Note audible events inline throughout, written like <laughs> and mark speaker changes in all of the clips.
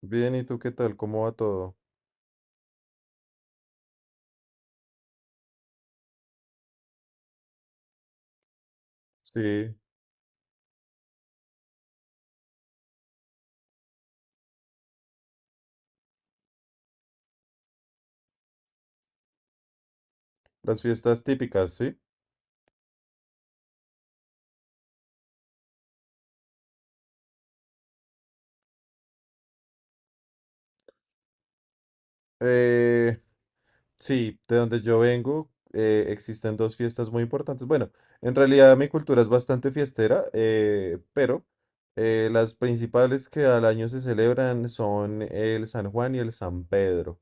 Speaker 1: Bien, ¿y tú qué tal? ¿Cómo va todo? Sí, las fiestas típicas, ¿sí? Eh, sí, de donde yo vengo existen dos fiestas muy importantes. Bueno, en realidad mi cultura es bastante fiestera, pero las principales que al año se celebran son el San Juan y el San Pedro,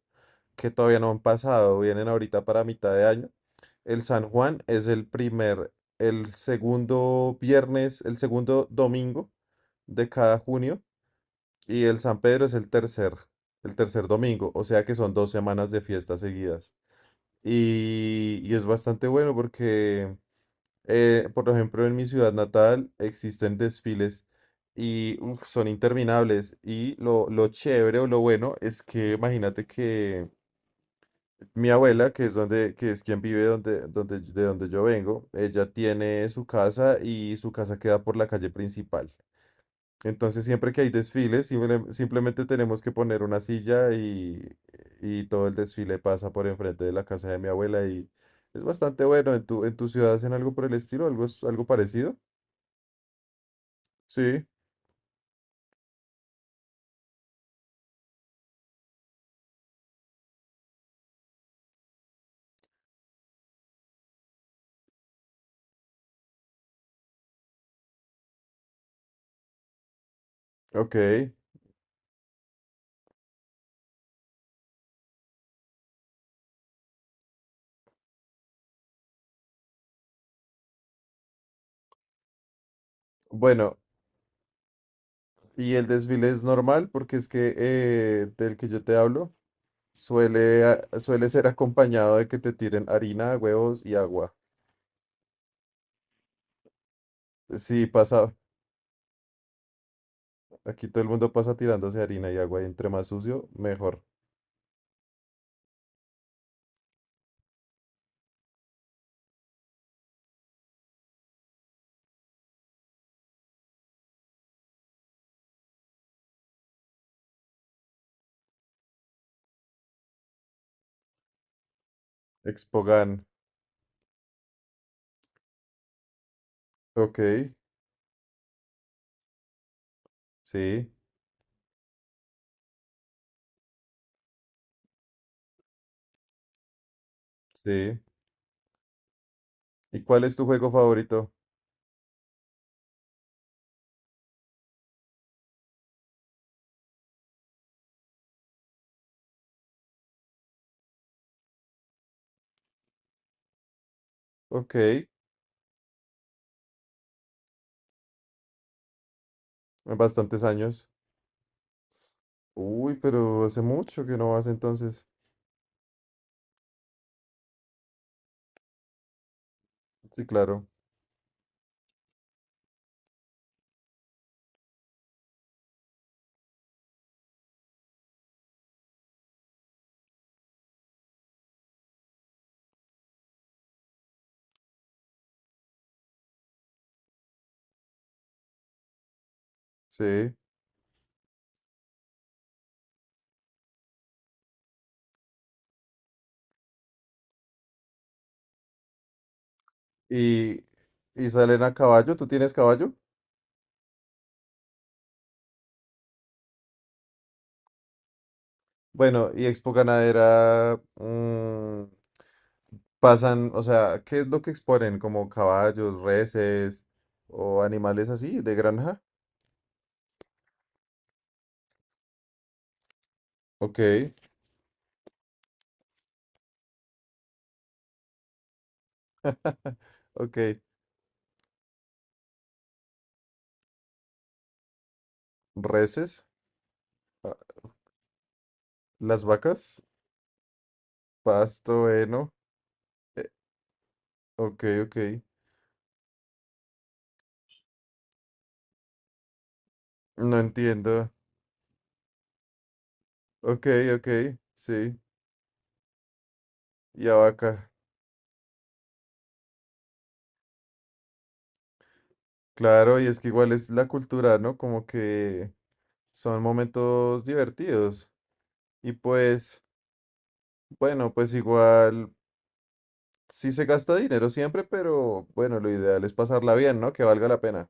Speaker 1: que todavía no han pasado, vienen ahorita para mitad de año. El San Juan es el primer, el segundo viernes, el segundo domingo de cada junio. Y el San Pedro es el tercer domingo, o sea que son dos semanas de fiestas seguidas. Y es bastante bueno porque, por ejemplo, en mi ciudad natal existen desfiles y uf, son interminables. Y lo chévere o lo bueno es que imagínate que mi abuela, que es donde, que es quien vive donde, de donde yo vengo, ella tiene su casa y su casa queda por la calle principal. Entonces, siempre que hay desfiles, simplemente tenemos que poner una silla y todo el desfile pasa por enfrente de la casa de mi abuela y es bastante bueno. ¿En tu ciudad hacen algo por el estilo? ¿Algo, algo parecido? Sí, ok. Bueno, y el desfile es normal porque es que del que yo te hablo suele, suele ser acompañado de que te tiren harina, huevos y agua. Sí, pasa, aquí todo el mundo pasa tirándose harina y agua y entre más sucio, mejor. Expogan, ok. Sí, sí. ¿Y cuál es tu juego favorito? Ok, bastantes años. Uy, pero hace mucho que no vas entonces. Sí, claro. Sí. Y, y salen a caballo, ¿tú tienes caballo? Bueno, y Expo Ganadera, pasan, o sea, ¿qué es lo que exponen? ¿Como caballos, reses o animales así de granja? Ok, <laughs> ok. Reses, ah, las vacas, pasto, heno. eh, ok, ok. No entiendo. Ok, ok, sí. Y Abaca. Claro, y es que igual es la cultura, ¿no? Como que son momentos divertidos. Y pues, bueno, pues igual sí se gasta dinero siempre, pero bueno, lo ideal es pasarla bien, ¿no? Que valga la pena.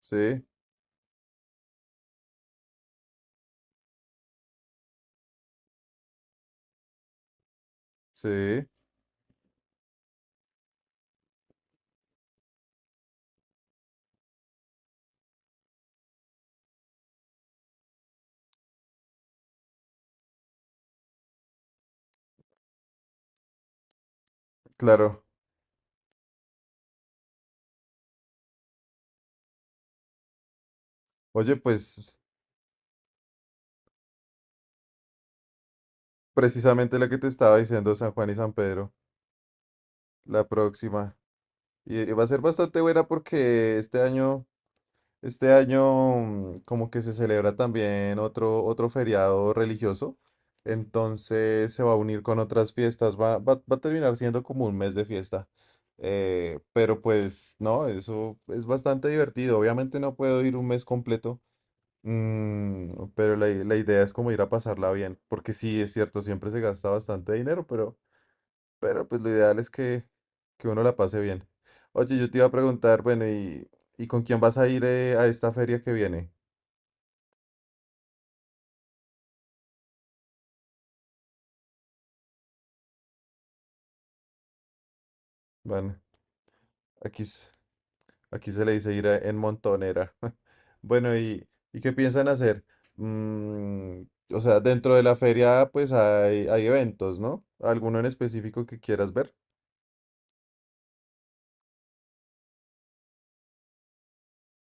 Speaker 1: Sí, sí, claro. Oye, pues precisamente lo que te estaba diciendo, San Juan y San Pedro, la próxima. Y va a ser bastante buena porque este año... Este año, como que se celebra también otro feriado religioso, entonces se va a unir con otras fiestas, va a terminar siendo como un mes de fiesta. Pero pues no, eso es bastante divertido. Obviamente no puedo ir un mes completo, mm, pero la idea es como ir a pasarla bien, porque sí, es cierto, siempre se gasta bastante dinero, pero... Pero pues lo ideal es que uno la pase bien. Oye, yo te iba a preguntar, bueno, y con quién vas a ir a esta feria que viene? Bueno, aquí, aquí se le dice ir en montonera. <laughs> Bueno, y qué piensan hacer? Mm, o sea, dentro de la feria pues hay eventos, ¿no? ¿Alguno en específico que quieras ver?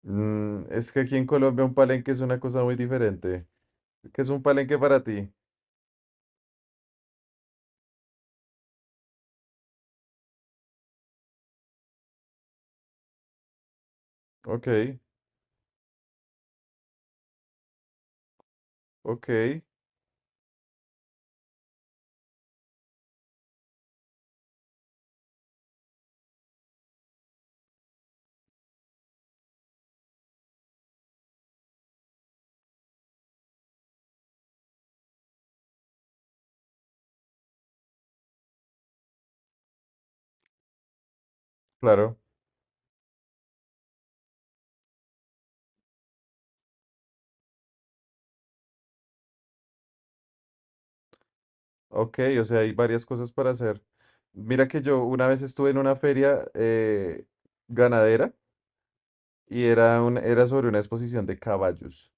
Speaker 1: Mm, es que aquí en Colombia un palenque es una cosa muy diferente. ¿Qué es un palenque para ti? Ok, ok, claro. Ok, o sea, hay varias cosas para hacer. Mira que yo una vez estuve en una feria ganadera y era, era sobre una exposición de caballos.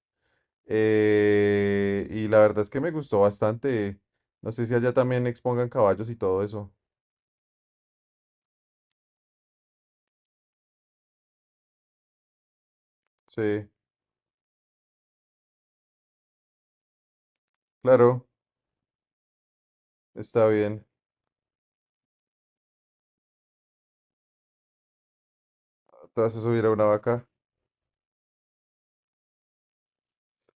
Speaker 1: Y la verdad es que me gustó bastante. No sé si allá también expongan caballos y todo eso. Sí, claro, está bien. Te vas a subir a una vaca.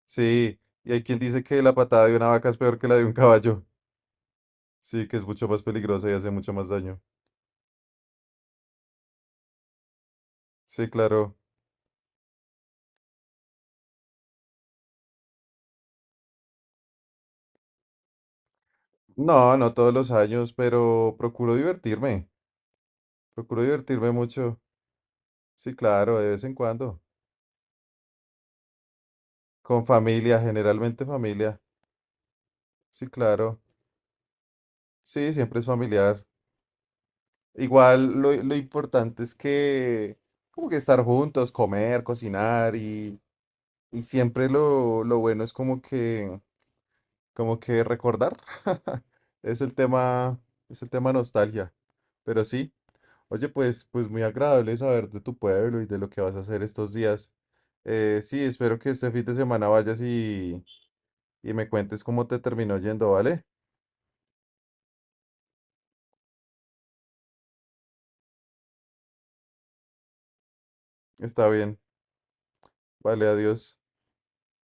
Speaker 1: Sí, y hay quien dice que la patada de una vaca es peor que la de un caballo. Sí, que es mucho más peligrosa y hace mucho más daño. Sí, claro. No, no todos los años, pero procuro divertirme. Procuro divertirme mucho. Sí, claro, de vez en cuando. Con familia, generalmente familia. Sí, claro. Sí, siempre es familiar. Igual lo importante es que como que estar juntos, comer, cocinar y siempre lo bueno es como que recordar. <laughs> Es el tema, es el tema nostalgia. Pero sí. Oye, pues, pues muy agradable saber de tu pueblo y de lo que vas a hacer estos días. Sí, espero que este fin de semana vayas y me cuentes cómo te terminó yendo, ¿vale? Está bien. Vale, adiós.